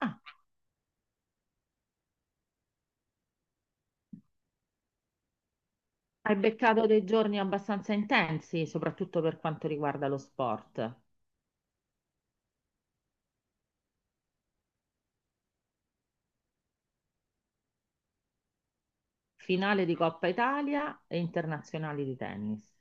Ah, hai beccato dei giorni abbastanza intensi, soprattutto per quanto riguarda lo sport. Finale di Coppa Italia e internazionali di tennis.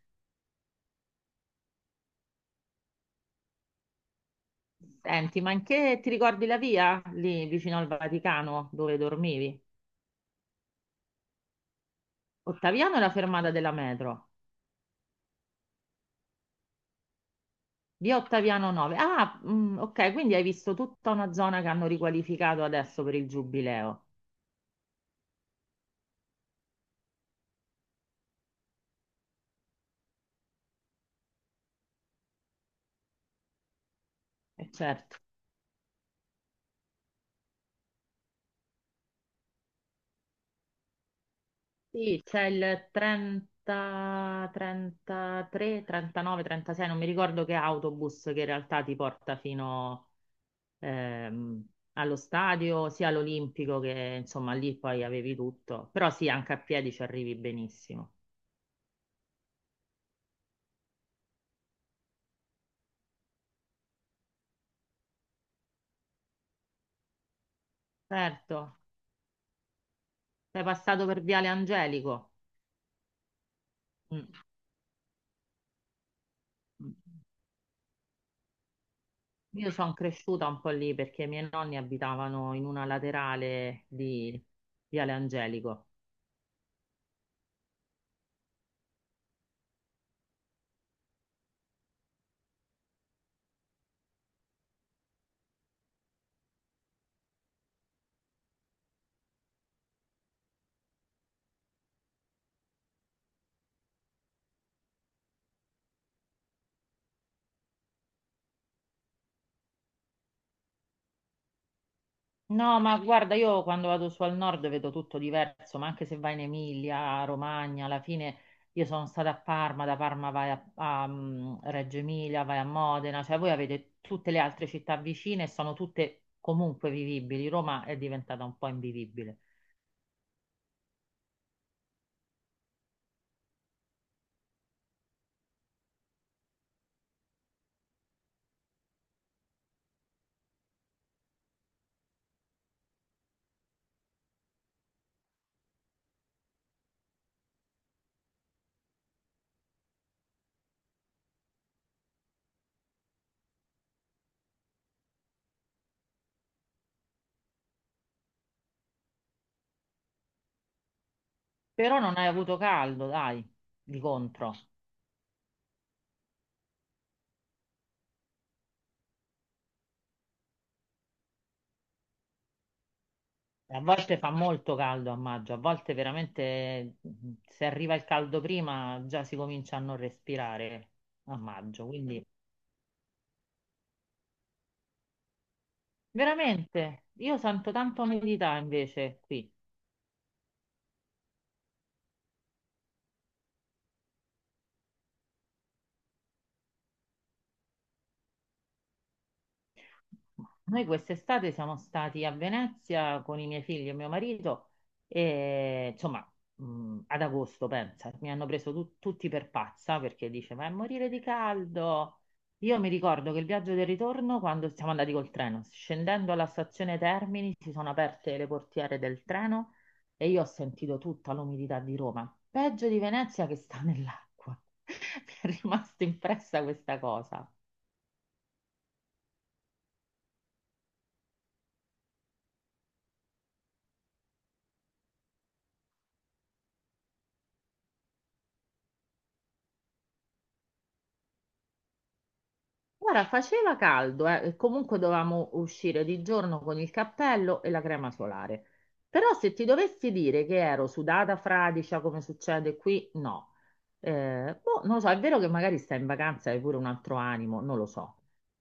Senti, ma in che ti ricordi la via lì vicino al Vaticano dove dormivi? Ottaviano è la fermata della metro, via Ottaviano 9. Ah, mm, ok, quindi hai visto tutta una zona che hanno riqualificato adesso per il giubileo. E certo. Sì, c'è il 30, 33, 39, 36, non mi ricordo che autobus che in realtà ti porta fino ehm, allo stadio, sia all'Olimpico che insomma lì poi avevi tutto. Però sì, anche a piedi ci arrivi benissimo. Certo, sei passato per Viale Angelico. Mm. Mm. Io sono cresciuta un po' lì perché i miei nonni abitavano in una laterale di Viale Angelico. No, ma guarda, io quando vado su al nord vedo tutto diverso, ma anche se vai in Emilia, Romagna, alla fine io sono stata a Parma, da Parma vai a, a, Reggio Emilia, vai a Modena, cioè voi avete tutte le altre città vicine e sono tutte comunque vivibili. Roma è diventata un po' invivibile, però non hai avuto caldo, dai, di contro. A volte fa molto caldo a maggio, a volte veramente se arriva il caldo prima già si comincia a non respirare a maggio, quindi... Veramente, io sento tanto umidità invece qui. Noi quest'estate siamo stati a Venezia con i miei figli e mio marito e insomma ad agosto, pensa, mi hanno preso tutti per pazza perché dice ma è morire di caldo. Io mi ricordo che il viaggio del ritorno, quando siamo andati col treno, scendendo alla stazione Termini, si sono aperte le portiere del treno e io ho sentito tutta l'umidità di Roma. Peggio di Venezia che sta nell'acqua. Mi è rimasta impressa questa cosa. Guarda, faceva caldo, e comunque dovevamo uscire di giorno con il cappello e la crema solare. Però se ti dovessi dire che ero sudata fradicia come succede qui, no. Boh, non lo so, è vero che magari stai in vacanza e hai pure un altro animo, non lo so.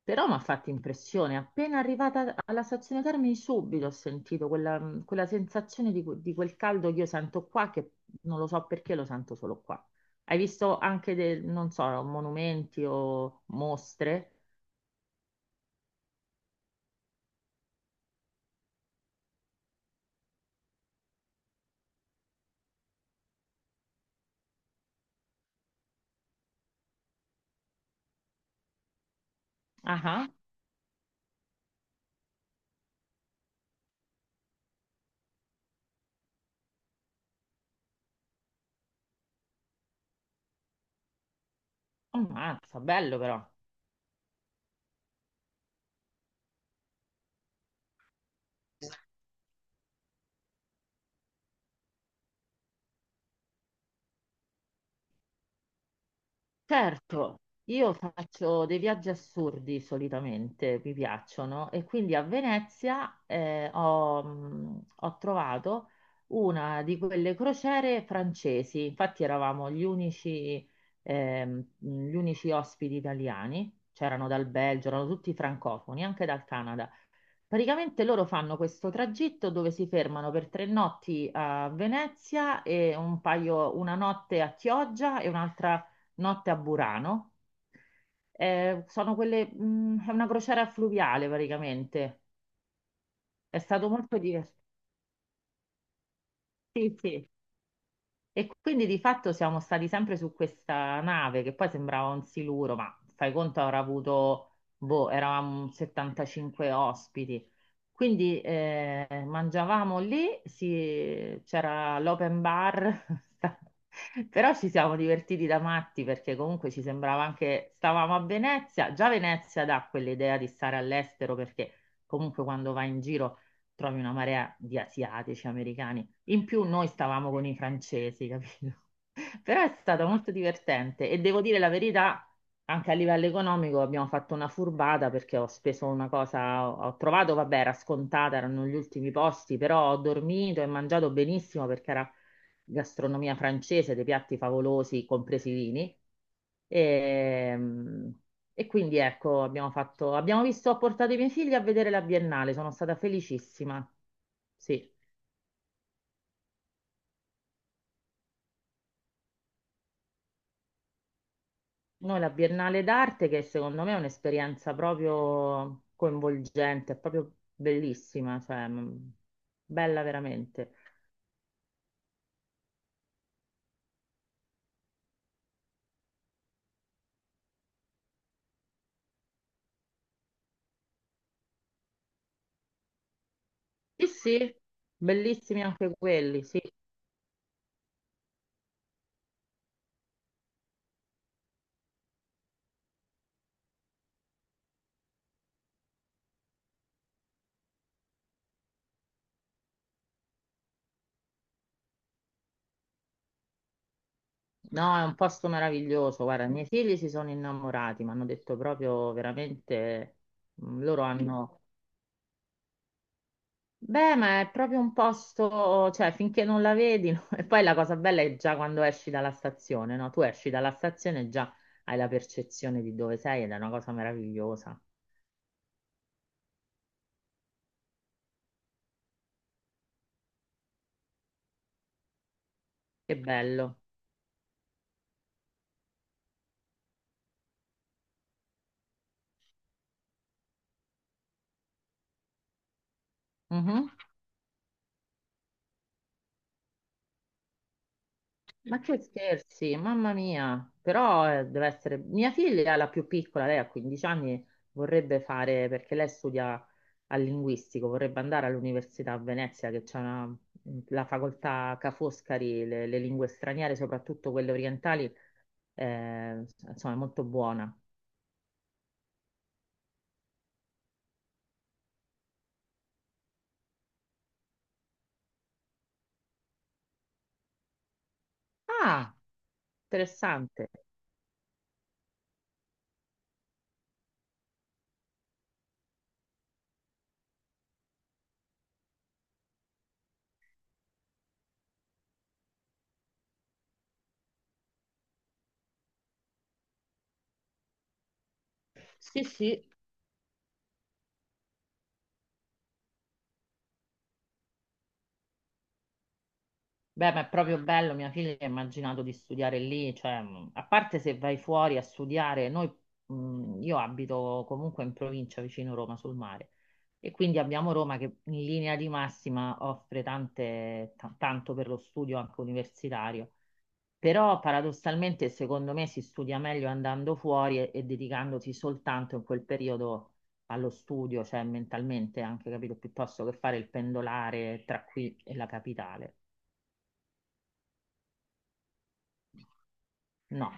Però mi ha fatto impressione, appena arrivata alla stazione Termini subito ho sentito quella, quella sensazione di, di quel caldo che io sento qua, che non lo so perché lo sento solo qua. Hai visto anche, non so, monumenti o mostre? Ah, ammazza, bello però. Certo, io faccio dei viaggi assurdi solitamente, mi piacciono, e quindi a Venezia ho trovato una di quelle crociere francesi, infatti eravamo gli unici ospiti italiani, c'erano dal Belgio, erano tutti francofoni, anche dal Canada. Praticamente loro fanno questo tragitto dove si fermano per tre notti a Venezia e un paio, una notte a Chioggia e un'altra notte a Burano. Sono quelle, è una crociera fluviale praticamente. È stato molto divertente. Sì, sì. E quindi di fatto siamo stati sempre su questa nave che poi sembrava un siluro, ma fai conto avrà avuto, boh, eravamo 75 ospiti. Quindi mangiavamo lì, c'era l'open bar, sta- però ci siamo divertiti da matti perché comunque ci sembrava anche, stavamo a Venezia, già Venezia dà quell'idea di stare all'estero perché comunque quando vai in giro trovi una marea di asiatici, americani, in più noi stavamo con i francesi, capito? Però è stato molto divertente e devo dire la verità. Anche a livello economico abbiamo fatto una furbata perché ho speso una cosa, ho trovato, vabbè, era scontata, erano gli ultimi posti, però ho dormito e mangiato benissimo perché era gastronomia francese, dei piatti favolosi, compresi i vini. E, e quindi ecco, abbiamo fatto, abbiamo visto, ho portato i miei figli a vedere la Biennale, sono stata felicissima. Sì. Noi la Biennale d'arte, che secondo me è un'esperienza proprio coinvolgente, è proprio bellissima, cioè bella veramente. Sì, sì, bellissimi anche quelli, sì. No, è un posto meraviglioso. Guarda, i miei figli si sono innamorati, mi hanno detto proprio veramente, loro hanno, beh, ma è proprio un posto, cioè finché non la vedi, no? E poi la cosa bella è già quando esci dalla stazione, no? Tu esci dalla stazione e già hai la percezione di dove sei ed è una cosa meravigliosa. Che bello. Mhm. Ma che scherzi, mamma mia. Però deve essere... Mia figlia, la più piccola, lei ha 15 anni, vorrebbe fare, perché lei studia al linguistico, vorrebbe andare all'università a Venezia, che c'è una- la facoltà Ca' Foscari, le lingue straniere, soprattutto quelle orientali insomma, è molto buona. Ah, interessante. Sì, sì, beh, ma è proprio bello. Mia figlia ha immaginato di studiare lì, cioè, a parte se vai fuori a studiare, noi, io abito comunque in provincia vicino Roma sul mare e quindi abbiamo Roma che in linea di massima offre tante, tanto per lo studio anche universitario. Però paradossalmente secondo me si studia meglio andando fuori e dedicandosi soltanto in quel periodo allo studio, cioè mentalmente anche, capito, piuttosto che fare il pendolare tra qui e la capitale. No.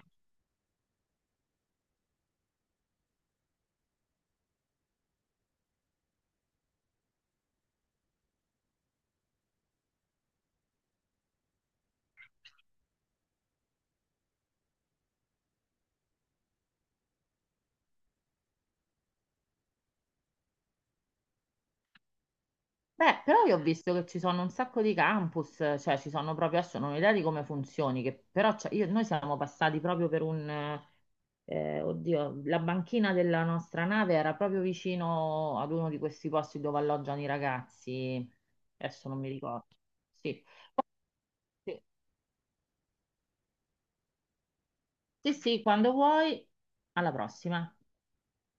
Beh, però io ho visto che ci sono un sacco di campus, cioè ci sono proprio, adesso non ho idea di come funzioni, che, però noi siamo passati proprio per un, oddio, la banchina della nostra nave era proprio vicino ad uno di questi posti dove alloggiano i ragazzi. Adesso non mi ricordo. Sì, sì, sì, sì, quando vuoi, alla prossima.